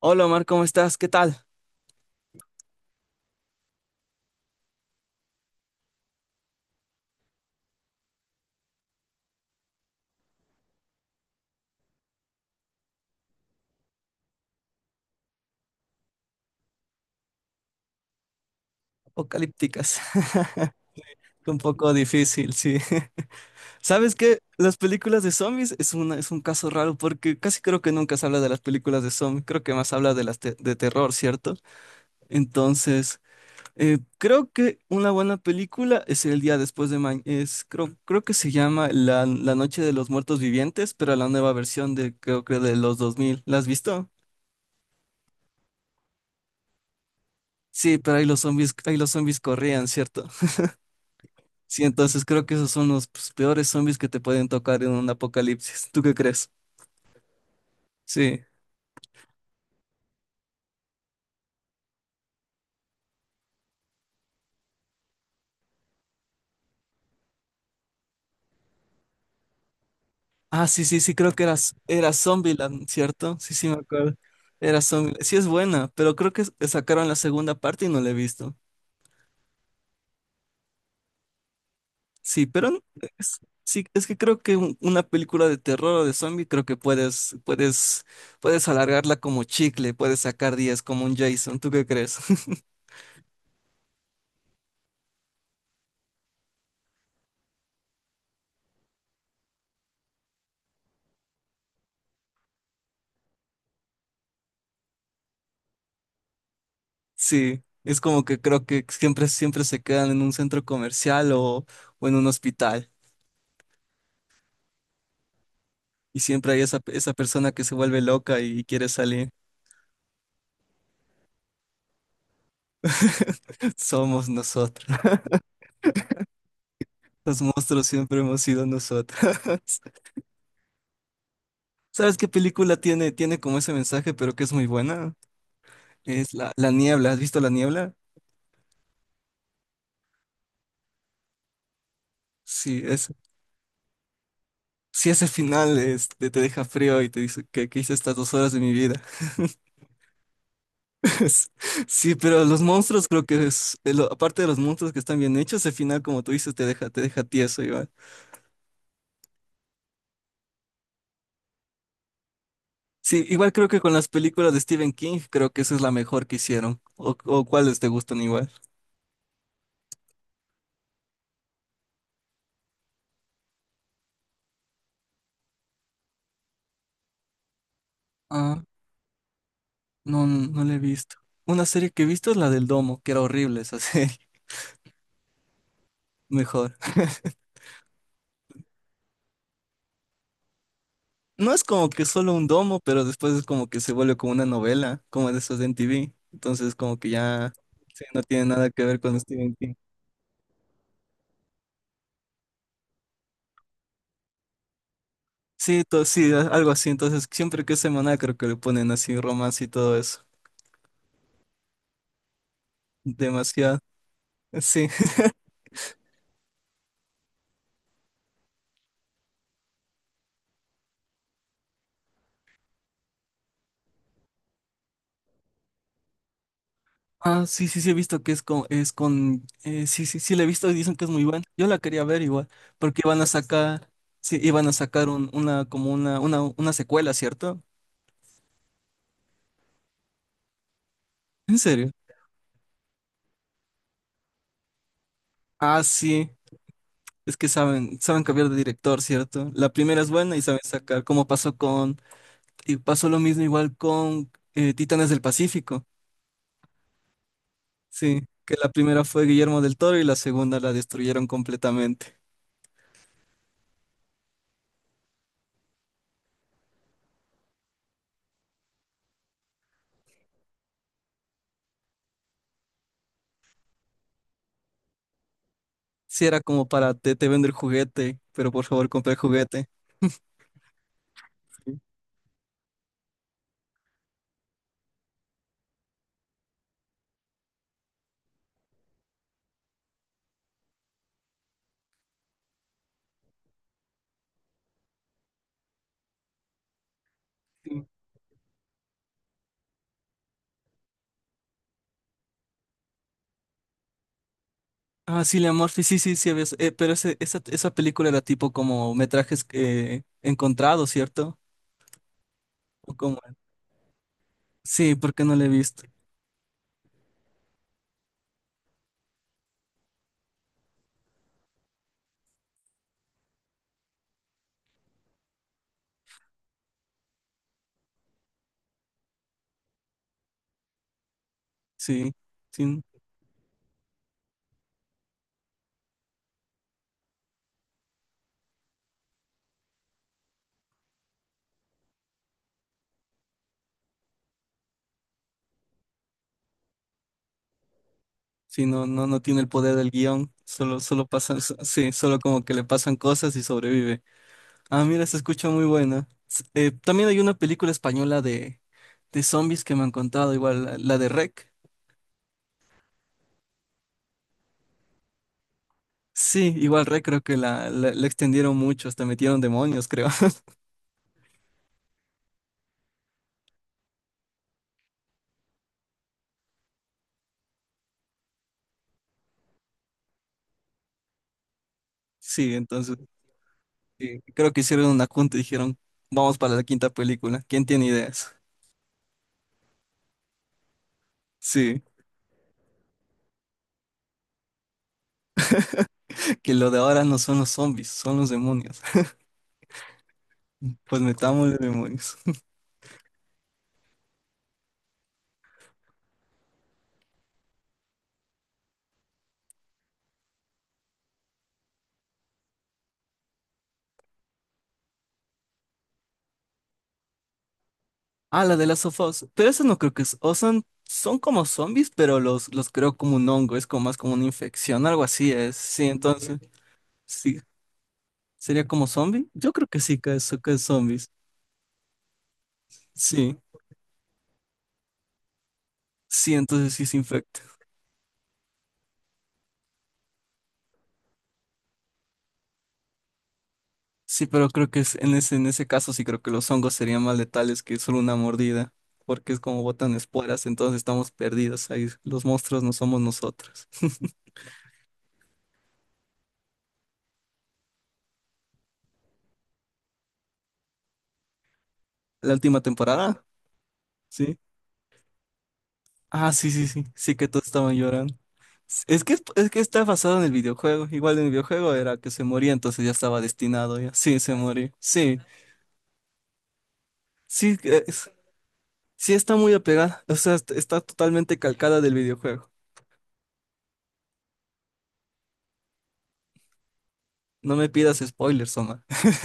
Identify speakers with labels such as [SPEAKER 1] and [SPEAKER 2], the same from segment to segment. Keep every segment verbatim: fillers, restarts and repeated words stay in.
[SPEAKER 1] Hola Omar, ¿cómo estás? ¿Qué tal? Apocalípticas. Un poco difícil, sí. ¿Sabes qué? Las películas de zombies es una, es un caso raro porque casi creo que nunca se habla de las películas de zombies, creo que más habla de las te- de terror, ¿cierto? Entonces, eh, creo que una buena película es El día después de mañana, es, creo, creo que se llama La, La Noche de los Muertos Vivientes, pero la nueva versión de, creo que de los dos mil. ¿La has visto? Sí, pero ahí los zombies, ahí los zombies corrían, ¿cierto? Sí, entonces creo que esos son los pues, peores zombies que te pueden tocar en un apocalipsis. ¿Tú qué crees? Sí. Ah, sí, sí, sí, creo que era, era Zombieland, ¿cierto? Sí, sí, me acuerdo. Era Zombieland. Sí, es buena, pero creo que s- sacaron la segunda parte y no la he visto. Sí, pero n- es, sí, es que creo que un- una película de terror o de zombie, creo que puedes, puedes, puedes alargarla como chicle, puedes sacar diez como un Jason. ¿Tú qué crees? Sí, es como que creo que siempre, siempre se quedan en un centro comercial o, o en un hospital. Y siempre hay esa, esa persona que se vuelve loca y quiere salir. Somos nosotros. Los monstruos siempre hemos sido nosotros. ¿Sabes qué película tiene, tiene como ese mensaje, pero que es muy buena? Es La, La Niebla. ¿Has visto La Niebla? Sí, es, sí, ese final este, te deja frío y te dice que, que hice estas dos horas de mi vida. Es- Sí, pero los monstruos creo que es, eh, lo- aparte de los monstruos que están bien hechos, el final, como tú dices, te deja, te deja tieso igual. Sí, igual creo que con las películas de Stephen King, creo que esa es la mejor que hicieron. O, o cuáles te gustan igual. Ah, no, no la he visto. Una serie que he visto es la del domo, que era horrible esa serie. Mejor. No es como que solo un domo, pero después es como que se vuelve como una novela, como de esas de M T V. Entonces como que ya sí, no tiene nada que ver con Stephen King. Sí, to- sí, a- algo así. Entonces, siempre que es semanal, creo que le ponen así romance y todo eso. Demasiado. Sí. Ah, sí, sí, sí, he visto que es con, es con, eh, sí, sí, sí, la he visto y dicen que es muy buena. Yo la quería ver igual, porque iban a sacar, sí, iban a sacar un- una, como una, una, una secuela, ¿cierto? ¿En serio? Ah, sí, es que saben, saben cambiar de director, ¿cierto? La primera es buena y saben sacar, como pasó con, y pasó lo mismo igual con eh, Titanes del Pacífico. Sí, que la primera fue Guillermo del Toro y la segunda la destruyeron completamente. Sí, era como para te, te vendo el juguete, pero por favor compra el juguete. Sí. Ah, sí, la Murphy, sí, sí, sí, había- eh, pero ese- esa, esa película era tipo como metrajes eh, encontrados, ¿cierto? O como, sí, porque no la he visto. Sí, sí, sí, no, no, no tiene el poder del guión, solo, solo pasan, so- sí, solo como que le pasan cosas y sobrevive. Ah, mira, se escucha muy buena. S- eh, también hay una película española de, de zombies que me han contado, igual la, la de REC. Sí, igual REC creo que la, la, la extendieron mucho, hasta metieron demonios, creo. Sí, entonces sí, creo que hicieron una junta y dijeron, vamos para la quinta película. ¿Quién tiene ideas? Sí, que lo de ahora no son los zombies, son los demonios. Pues metamos los demonios. Ah, la de las of Us. Pero eso no creo que es. O son, son como zombies, pero los, los creo como un hongo. Es como más como una infección, algo así es. Sí, entonces. Sí. ¿Sería como zombie? Yo creo que sí, que es, que es zombies. Sí. Sí, entonces sí se infecta. Sí, pero creo que es, en ese, en ese caso sí creo que los hongos serían más letales que solo una mordida. Porque es como botan esporas, entonces estamos perdidos ahí. Los monstruos no somos nosotros. La última temporada. Sí. Ah, sí, sí, sí, sí que todos estaban llorando. S- Es que, es que está basado en el videojuego. Igual en el videojuego era que se moría, entonces ya estaba destinado ya. Sí, se moría. Sí, sí, que es- sí está muy apegada. O sea, est- está totalmente calcada del videojuego. No me pidas spoilers, Omar.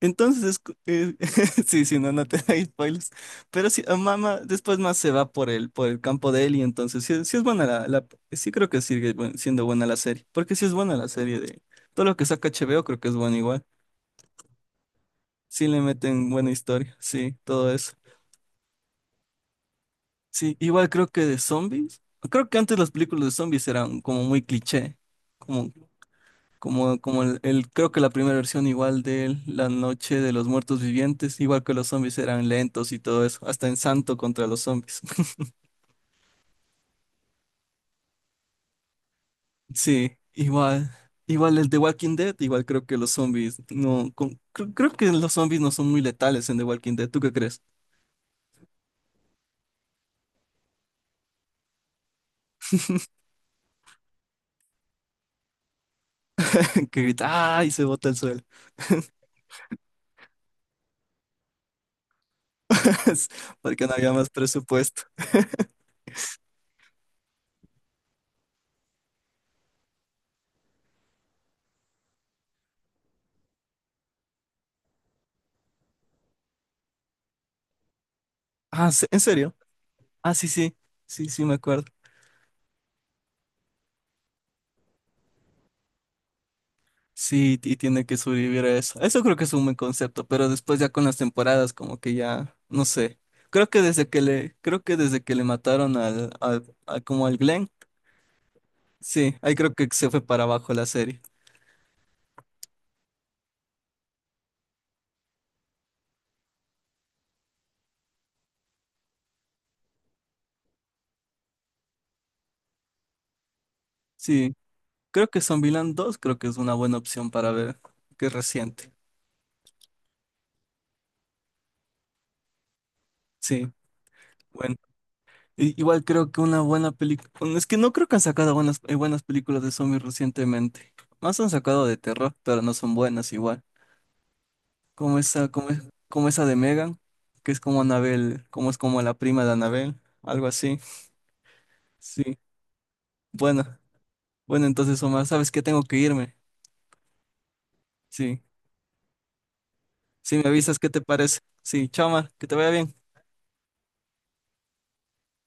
[SPEAKER 1] Entonces, es cu- eh, sí, sí, no, no te da spoilers. Pero sí, ah, mamá después más se va por el, por el campo de él y entonces sí, sí es buena la, la- sí creo que sigue buen- siendo buena la serie. Porque sí es buena la serie de todo lo que saca H B O, creo que es bueno igual. Sí le meten buena historia, sí, todo eso. Sí, igual creo que de zombies. Creo que antes las películas de zombies eran como muy cliché. Como, como, como el, el- creo que la primera versión igual de La Noche de los Muertos Vivientes, igual que los zombies eran lentos y todo eso, hasta en Santo contra los zombies. Sí, igual, igual el de Walking Dead, igual creo que los zombies no, con- cre- creo que los zombies no son muy letales en The Walking Dead. ¿Tú qué crees? Que grita, ¡ay! Y se bota el suelo. Porque no había más presupuesto. Ah, ¿se- ¿en serio? Ah, sí, sí, sí, sí, me acuerdo. Sí, y tiene que sobrevivir a eso. Eso creo que es un buen concepto, pero después ya con las temporadas, como que ya, no sé. Creo que desde que le, creo que desde que le mataron al, al, al- como al Glenn, sí, ahí creo que se fue para abajo la serie. Sí, creo que Zombieland dos creo que es una buena opción para ver, que es reciente. Sí, bueno. I- Igual creo que una buena película. Es que no creo que han sacado buenas, eh, buenas películas de zombies recientemente. Más han sacado de terror, pero no son buenas igual. Como esa, como, es- como esa de Megan, que es como Anabel, como es como la prima de Anabel, algo así. Sí. Bueno, bueno, entonces Omar, ¿sabes que tengo que irme? Sí. Si me avisas, ¿qué te parece? Sí, chao, Omar, que te vaya bien.